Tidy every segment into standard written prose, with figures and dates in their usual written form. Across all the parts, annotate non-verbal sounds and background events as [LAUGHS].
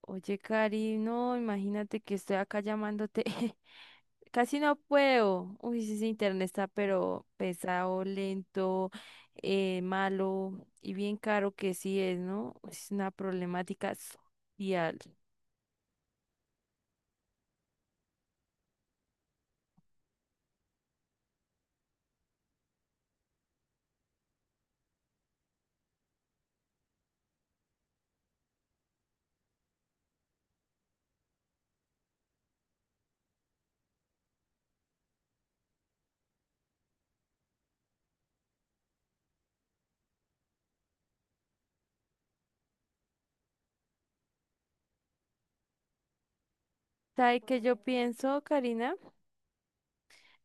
Oye, Cari, no, imagínate que estoy acá llamándote. [LAUGHS] Casi no puedo. Uy, sí, ese internet está pero pesado, lento, malo y bien caro que sí es, ¿no? Es una problemática social. ¿Sabe qué yo pienso, Karina?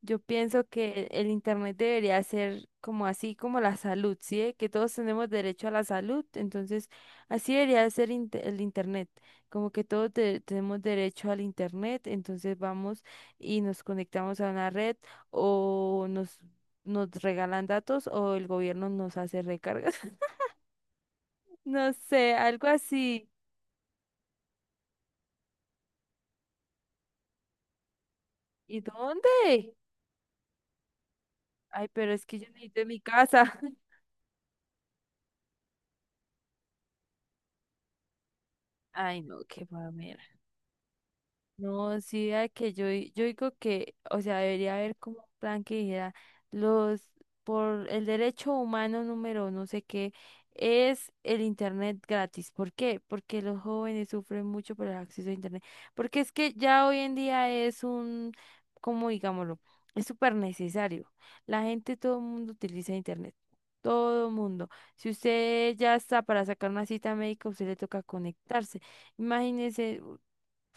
Yo pienso que el internet debería ser como así como la salud, ¿sí? de que todos tenemos derecho a la salud, entonces así debería ser el internet, como que todos tenemos derecho al internet, entonces vamos y nos conectamos a una red o nos regalan datos o el gobierno nos hace recargas. [LAUGHS] No sé, algo así. ¿Y dónde? Ay, pero es que yo necesito en mi casa. [LAUGHS] Ay, no, qué mal. No, sí, a que yo, yo digo que, o sea, debería haber como un plan que dijera, los, por el derecho humano número no sé qué, es el internet gratis. ¿Por qué? Porque los jóvenes sufren mucho por el acceso a internet. Porque es que ya hoy en día es un, como digámoslo, es súper necesario. La gente, todo el mundo utiliza internet. Todo el mundo. Si usted ya está para sacar una cita médica, usted le toca conectarse. Imagínese.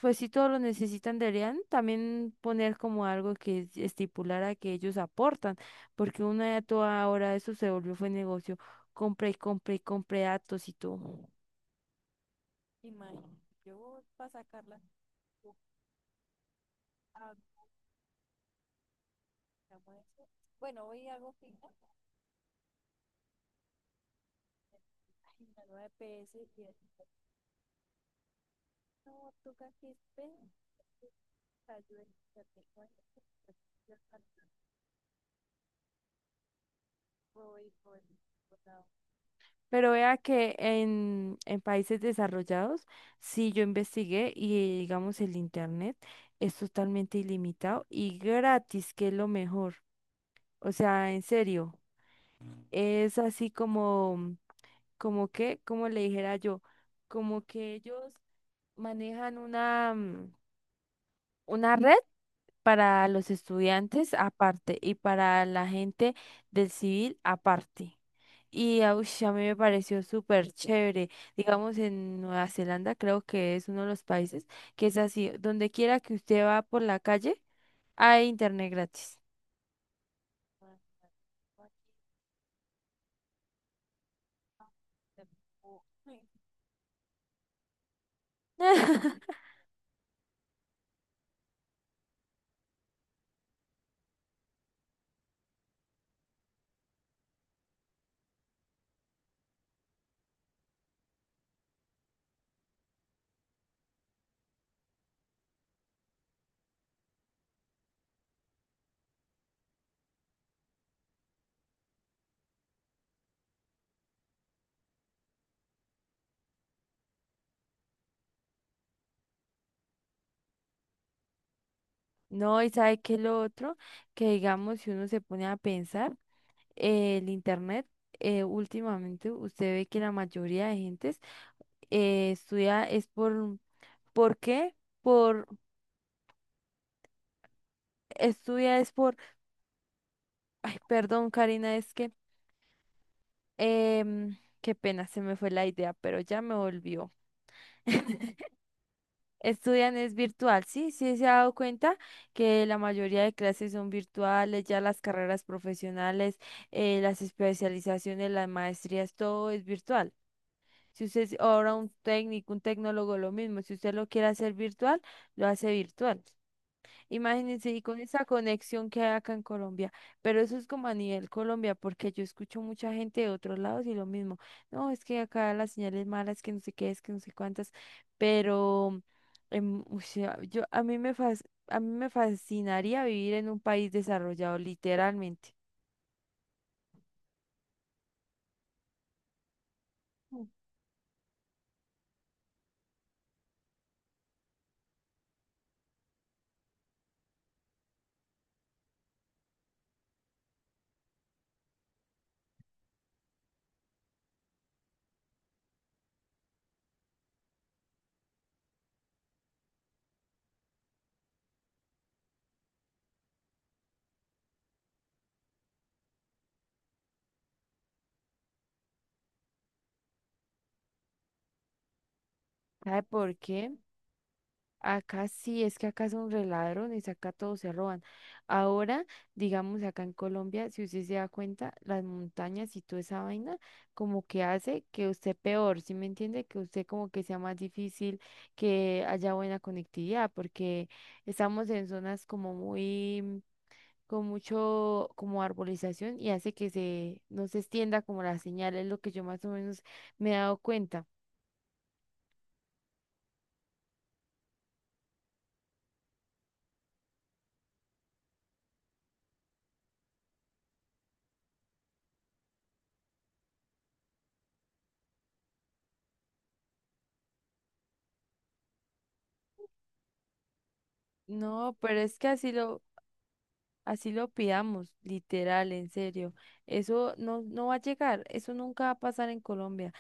Pues si todos lo necesitan, deberían también poner como algo que estipulara que ellos aportan, porque una de a toda hora eso se volvió fue negocio, compra y compra y compra datos y todo. Imagínate, yo para sacarla, yo hago eso. Bueno, hoy hago fija, ay, la nueva EPS, y es, no, toca que espera, ayuda, voy con el. Pero vea que en países desarrollados, sí yo investigué y digamos el internet es totalmente ilimitado y gratis, que es lo mejor. O sea, en serio, es así como, como que, como le dijera yo, como que ellos manejan una, una red. Para los estudiantes aparte y para la gente del civil aparte. Y ah, ush, a mí me pareció súper chévere. Digamos, en Nueva Zelanda creo que es uno de los países que es así. Donde quiera que usted va por la calle, hay internet gratis. [LAUGHS] No, y sabe que lo otro, que digamos, si uno se pone a pensar, el internet, últimamente usted ve que la mayoría de gentes estudia es ¿por qué? Por, estudia es por, ay, perdón, Karina, es que, qué pena, se me fue la idea, pero ya me volvió. [LAUGHS] Estudian es virtual, sí, sí se ha dado cuenta que la mayoría de clases son virtuales, ya las carreras profesionales, las especializaciones, las maestrías, todo es virtual. Si usted es ahora un técnico, un tecnólogo, lo mismo, si usted lo quiere hacer virtual, lo hace virtual. Imagínense, y con esa conexión que hay acá en Colombia, pero eso es como a nivel Colombia, porque yo escucho mucha gente de otros lados y lo mismo, no, es que acá las señales malas, que no sé qué es, que no sé cuántas, pero o sea, yo, a mí me fascinaría vivir en un país desarrollado, literalmente. Mm. ¿Sabe por qué? Acá sí, es que acá son re ladrones, acá todos se roban. Ahora, digamos acá en Colombia, si usted se da cuenta, las montañas y toda esa vaina, como que hace que usted peor, ¿sí me entiende? Que usted como que sea más difícil, que haya buena conectividad, porque estamos en zonas como muy, con mucho, como arbolización y hace que se, no se extienda como la señal, es lo que yo más o menos me he dado cuenta. No, pero es que así lo pidamos, literal, en serio. Eso no, no va a llegar, eso nunca va a pasar en Colombia.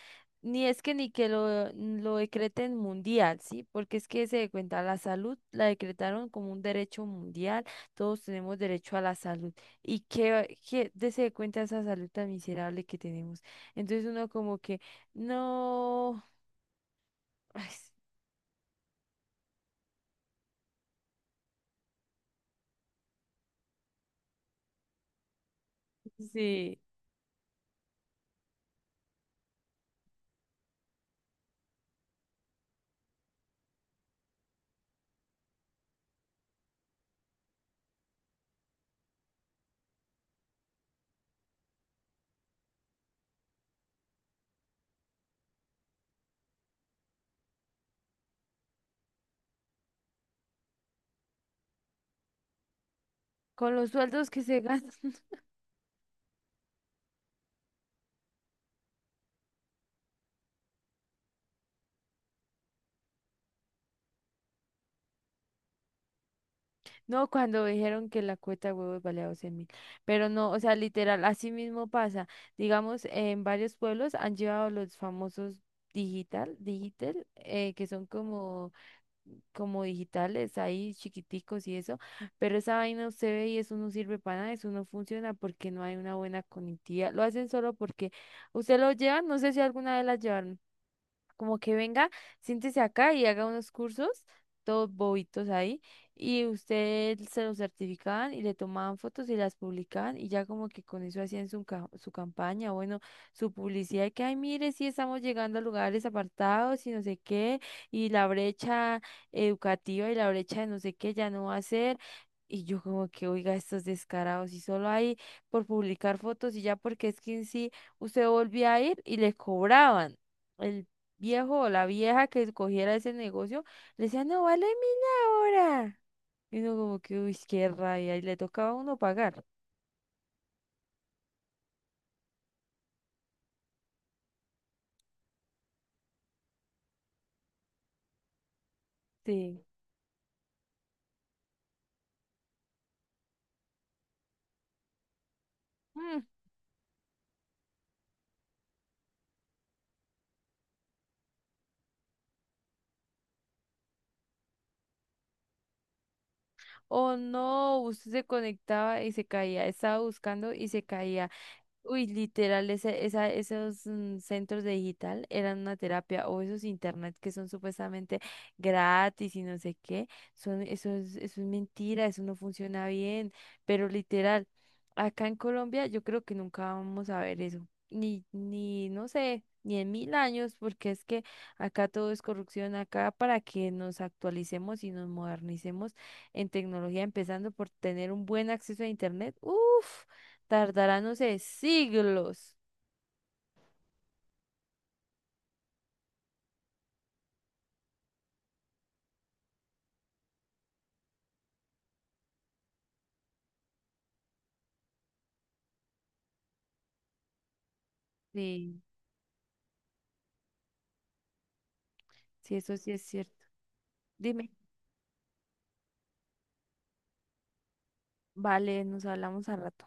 Ni es que ni que lo decreten mundial, ¿sí? Porque es que se de cuenta, la salud la decretaron como un derecho mundial, todos tenemos derecho a la salud. ¿Y qué, qué de se de cuenta esa salud tan miserable que tenemos? Entonces uno como que, no, ay, sí, con los sueldos que se [LAUGHS] gastan. No, cuando dijeron que la cuota de huevos valía 12 mil. Pero no, o sea, literal, así mismo pasa. Digamos, en varios pueblos han llevado los famosos digital, digital, que son como, digitales ahí, chiquiticos y eso. Pero esa vaina usted ve y eso no sirve para nada, eso no funciona porque no hay una buena conectividad. Lo hacen solo porque usted lo lleva, no sé si alguna vez la llevaron como que venga, siéntese acá y haga unos cursos, todos bobitos ahí, y usted se los certificaban y le tomaban fotos y las publicaban y ya como que con eso hacían su campaña, bueno, su publicidad, y que, ay, mire, sí estamos llegando a lugares apartados y no sé qué, y la brecha educativa y la brecha de no sé qué ya no va a ser. Y yo como que, oiga, estos descarados, y solo ahí por publicar fotos y ya porque es que en sí usted volvía a ir y le cobraban. El viejo o la vieja que cogiera ese negocio, le decía, no vale mil ahora. Y uno como que, uy, qué rabia, y le tocaba a uno pagar. Sí. Mm, O no, usted se conectaba y se caía, estaba buscando y se caía. Uy, literal, esos centros de digital eran una terapia o esos internet que son supuestamente gratis y no sé qué, son, eso es mentira, eso no funciona bien, pero literal, acá en Colombia yo creo que nunca vamos a ver eso, ni, no sé, ni en mil años, porque es que acá todo es corrupción, acá para que nos actualicemos y nos modernicemos en tecnología, empezando por tener un buen acceso a internet, uff. Tardará, no sé, siglos. Sí, sí, eso sí es cierto. Dime. Vale, nos hablamos al rato.